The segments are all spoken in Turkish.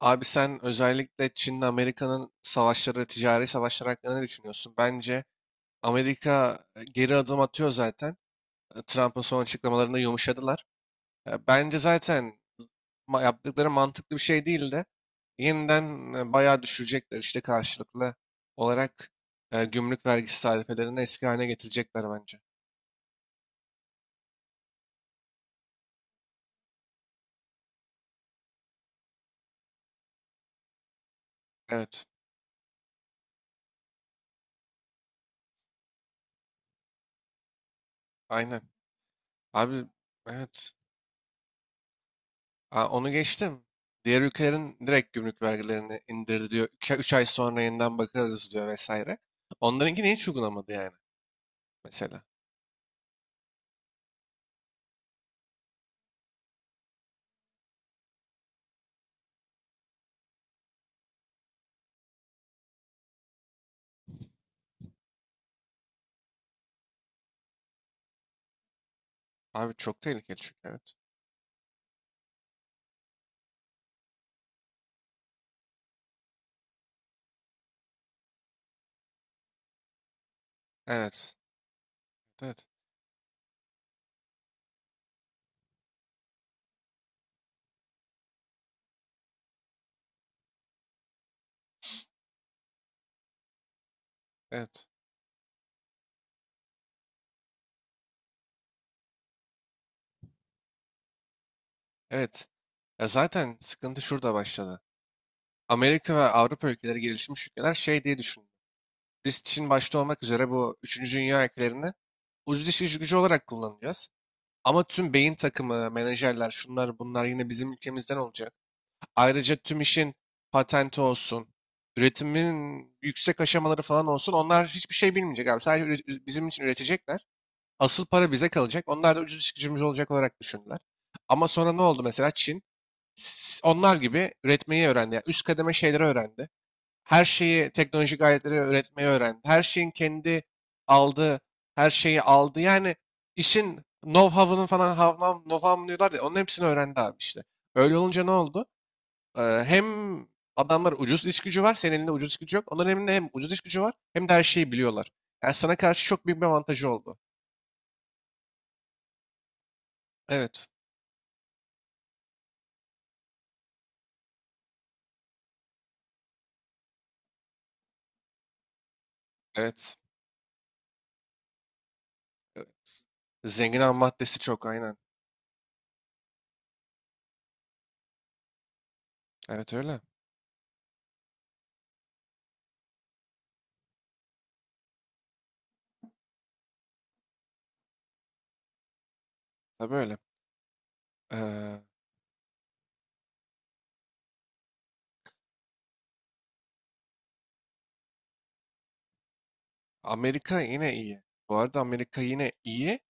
Abi sen özellikle Çin'le Amerika'nın savaşları, ticari savaşlar hakkında ne düşünüyorsun? Bence Amerika geri adım atıyor zaten. Trump'ın son açıklamalarında yumuşadılar. Bence zaten yaptıkları mantıklı bir şey değil de yeniden bayağı düşürecekler işte karşılıklı olarak gümrük vergisi tarifelerini eski haline getirecekler bence. Evet, aynen. Abi, evet. Onu geçtim. Diğer ülkelerin direkt gümrük vergilerini indirdi diyor. 3 ay sonra yeniden bakarız diyor vesaire. Onlarınkini hiç uygulamadı yani mesela. Abi çok tehlikeli çünkü, evet. Evet. Evet. Evet. Evet. Ya zaten sıkıntı şurada başladı. Amerika ve Avrupa ülkeleri gelişmiş ülkeler şey diye düşündü. Biz Çin başta olmak üzere bu üçüncü dünya ülkelerini ucuz iş gücü olarak kullanacağız. Ama tüm beyin takımı, menajerler, şunlar bunlar yine bizim ülkemizden olacak. Ayrıca tüm işin patenti olsun, üretimin yüksek aşamaları falan olsun. Onlar hiçbir şey bilmeyecek abi. Sadece bizim için üretecekler. Asıl para bize kalacak. Onlar da ucuz iş gücümüz olacak olarak düşündüler. Ama sonra ne oldu mesela Çin? Onlar gibi üretmeyi öğrendi. Yani üst kademe şeyleri öğrendi. Her şeyi teknolojik aletleri üretmeyi öğrendi. Her şeyin kendi aldığı, her şeyi aldı. Yani işin know-how'ının falan know-how'ını diyorlar ya. Onun hepsini öğrendi abi işte. Öyle olunca ne oldu? Hem adamlar ucuz iş gücü var. Senin elinde ucuz iş gücü yok. Onların elinde hem ucuz iş gücü var hem de her şeyi biliyorlar. Yani sana karşı çok büyük bir avantajı oldu. Evet. Evet. Evet. Zengin ham maddesi çok, aynen. Evet, öyle. Tabii öyle. Eee, Amerika yine iyi. Bu arada Amerika yine iyi.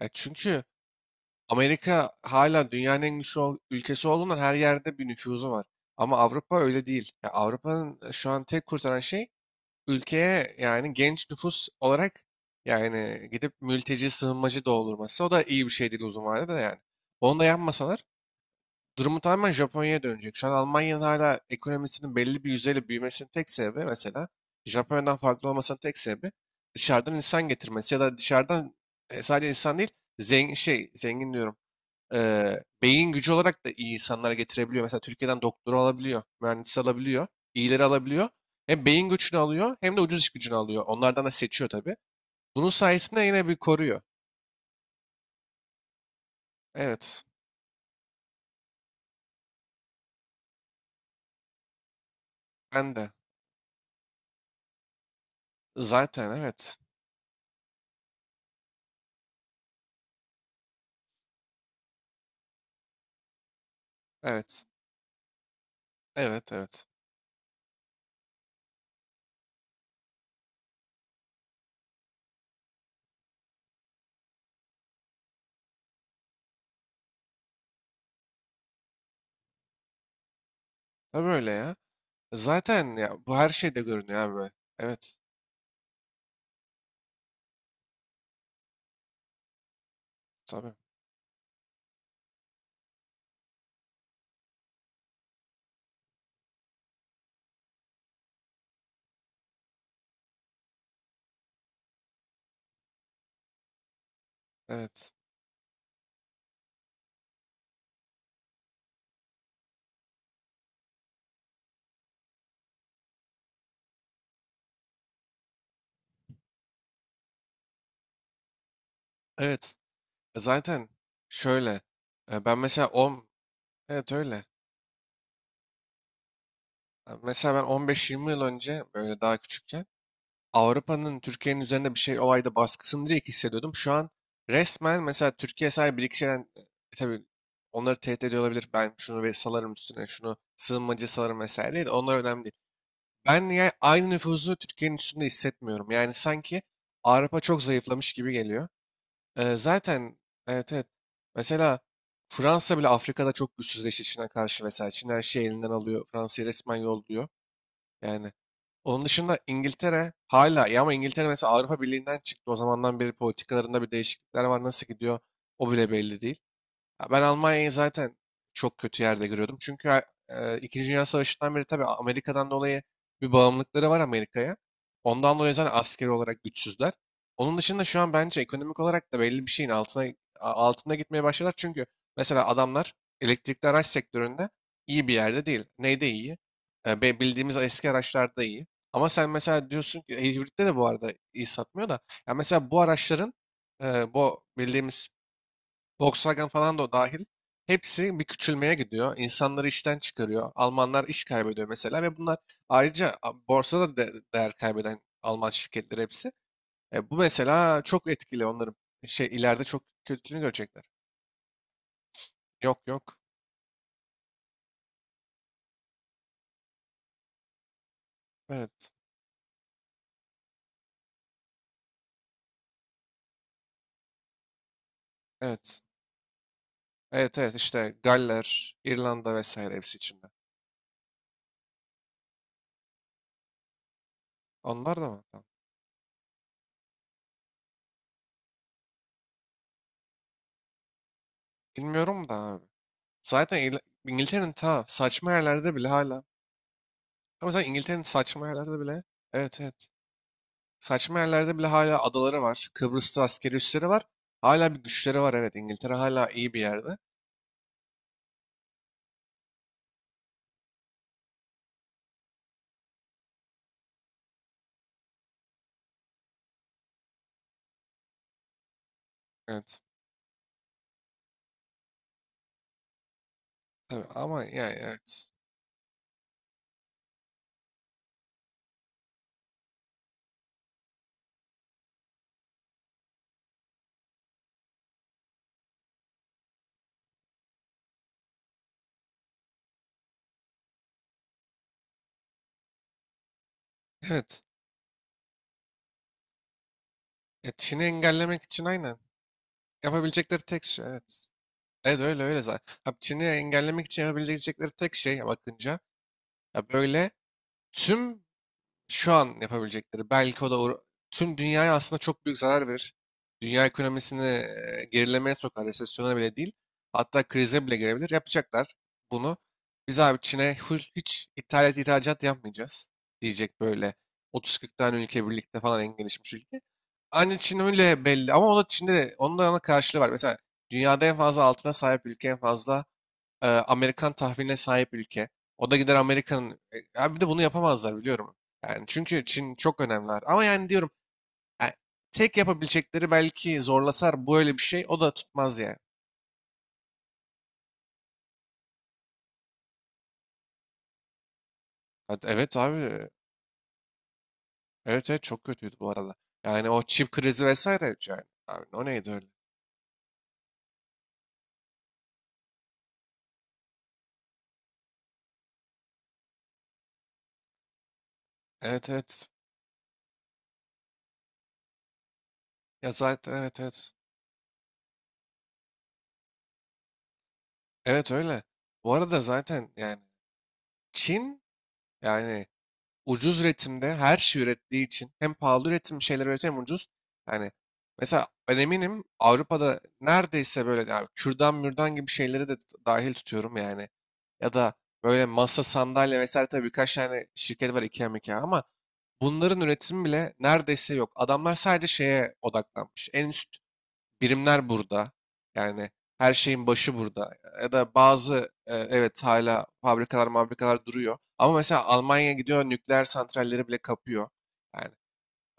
Çünkü Amerika hala dünyanın en güçlü ülkesi olduğundan her yerde bir nüfuzu var. Ama Avrupa öyle değil. Ya Avrupa'nın şu an tek kurtaran şey ülkeye yani genç nüfus olarak yani gidip mülteci sığınmacı doldurması, o da iyi bir şey değil uzun vadede de yani. Onu da yapmasalar durumu tamamen Japonya'ya dönecek. Şu an Almanya'nın hala ekonomisinin belli bir yüzdeyle büyümesinin tek sebebi, mesela Japonya'dan farklı olmasının tek sebebi dışarıdan insan getirmesi ya da dışarıdan sadece insan değil, zengin şey, zengin diyorum, beyin gücü olarak da iyi insanlar getirebiliyor. Mesela Türkiye'den doktoru alabiliyor, mühendis alabiliyor, iyileri alabiliyor. Hem beyin gücünü alıyor hem de ucuz iş gücünü alıyor. Onlardan da seçiyor tabii. Bunun sayesinde yine bir koruyor. Evet, ben de. Zaten, evet. Evet. Evet, evet. Tabii öyle ya. Zaten ya bu her şeyde görünüyor abi. Evet, tabii. Evet. Evet. Zaten şöyle. Ben mesela 10. Evet öyle. Mesela ben 15-20 yıl önce böyle daha küçükken Avrupa'nın Türkiye'nin üzerinde bir şey olayda baskısını direkt hissediyordum. Şu an resmen mesela Türkiye sadece bir iki şeyden tabii onları tehdit ediyor olabilir. Ben şunu ve salarım, üstüne şunu sığınmacı salarım vesaire değil. Onlar önemli değil. Ben yani aynı nüfuzu Türkiye'nin üstünde hissetmiyorum. Yani sanki Avrupa çok zayıflamış gibi geliyor. Zaten, evet, evet. Mesela Fransa bile Afrika'da çok güçsüzleşti Çin'e karşı vesaire. Çin her şeyi elinden alıyor. Fransa'yı resmen yolluyor. Yani onun dışında İngiltere hala, ya ama İngiltere mesela Avrupa Birliği'nden çıktı. O zamandan beri politikalarında bir değişiklikler var. Nasıl gidiyor o bile belli değil. Ya ben Almanya'yı zaten çok kötü yerde görüyordum. Çünkü İkinci Dünya Savaşı'ndan beri, tabii Amerika'dan dolayı, bir bağımlılıkları var Amerika'ya. Ondan dolayı zaten askeri olarak güçsüzler. Onun dışında şu an bence ekonomik olarak da belli bir şeyin altına altında gitmeye başladılar. Çünkü mesela adamlar elektrikli araç sektöründe iyi bir yerde değil. Neyde iyi? Bildiğimiz eski araçlarda iyi. Ama sen mesela diyorsun ki hibritte de bu arada iyi satmıyor da. Ya mesela bu araçların bu bildiğimiz Volkswagen falan da o dahil. Hepsi bir küçülmeye gidiyor. İnsanları işten çıkarıyor. Almanlar iş kaybediyor mesela, ve bunlar ayrıca borsada değer kaybeden Alman şirketleri hepsi. Bu mesela çok etkili onların. Şey, ileride çok kötülüğünü görecekler. Yok yok. Evet. Evet. Evet evet, işte Galler, İrlanda vesaire hepsi içinde. Onlar da mı? Tamam. Bilmiyorum da abi. Zaten İngiltere'nin ta saçma yerlerde bile hala. Ama zaten İngiltere'nin saçma yerlerde bile. Evet, evet. Saçma yerlerde bile hala adaları var. Kıbrıs'ta askeri üsleri var. Hala bir güçleri var, evet. İngiltere hala iyi bir yerde. Evet. Tabii ama yani evet. Evet. Çin'i engellemek için, aynen. Yapabilecekleri tek şey, evet. Evet öyle, öyle zaten. Ha, Çin'i engellemek için yapabilecekleri tek şey bakınca ya böyle tüm şu an yapabilecekleri, belki o da tüm dünyaya aslında çok büyük zarar verir. Dünya ekonomisini gerilemeye sokar, resesyona bile değil. Hatta krize bile girebilir. Yapacaklar bunu. Biz abi Çin'e full hiç ithalat ihracat yapmayacağız diyecek böyle 30-40 tane ülke birlikte falan, en gelişmiş ülke. Aynı Çin öyle belli, ama o da Çin'de de onun da ana karşılığı var. Mesela dünyada en fazla altına sahip ülke, en fazla Amerikan tahviline sahip ülke. O da gider Amerika'nın... Abi bir de bunu yapamazlar biliyorum. Yani çünkü Çin çok önemliler. Ama yani diyorum e, tek yapabilecekleri belki, zorlasar böyle bir şey o da tutmaz yani. Hadi, evet abi, evet, evet çok kötüydü bu arada. Yani o çip krizi vesaire yani. Abi o neydi öyle? Evet, evet. Ya zaten, evet, evet. Evet, öyle. Bu arada zaten yani Çin yani ucuz üretimde her şey ürettiği için hem pahalı üretim şeyler üretiyor hem ucuz. Yani mesela ben eminim Avrupa'da neredeyse böyle yani kürdan mürdan gibi şeyleri de dahil tutuyorum yani. Ya da böyle masa sandalye vesaire, tabii birkaç tane şirket var, IKEA MIKEA, ama bunların üretimi bile neredeyse yok. Adamlar sadece şeye odaklanmış. En üst birimler burada. Yani her şeyin başı burada. Ya da bazı evet hala fabrikalar duruyor. Ama mesela Almanya gidiyor nükleer santralleri bile kapıyor. Yani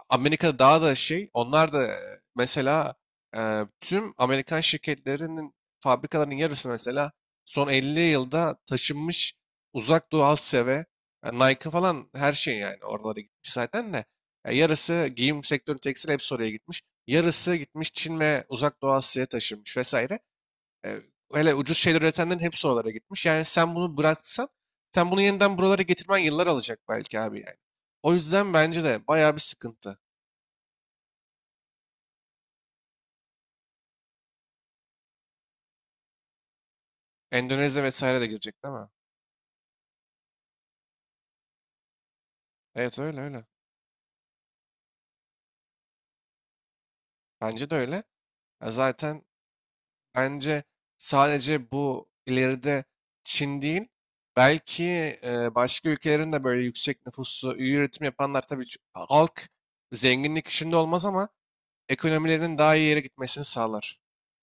Amerika'da daha da şey, onlar da mesela tüm Amerikan şirketlerinin fabrikalarının yarısı mesela son 50 yılda taşınmış uzak doğu Asya ve yani Nike falan her şey yani oralara gitmiş zaten de. Ya yarısı giyim sektörü tekstil hepsi oraya gitmiş. Yarısı gitmiş Çin ve uzak doğu Asya'ya taşınmış vesaire. E, hele ucuz şeyler üretenlerin hepsi oralara gitmiş. Yani sen bunu bıraksan sen bunu yeniden buralara getirmen yıllar alacak belki abi yani. O yüzden bence de bayağı bir sıkıntı. Endonezya vesaire de girecek değil mi? Evet, öyle öyle. Bence de öyle. Ya zaten bence sadece bu ileride Çin değil, belki başka ülkelerin de, böyle yüksek nüfuslu, iyi üretim yapanlar, tabii halk zenginlik içinde olmaz ama ekonomilerinin daha iyi yere gitmesini sağlar.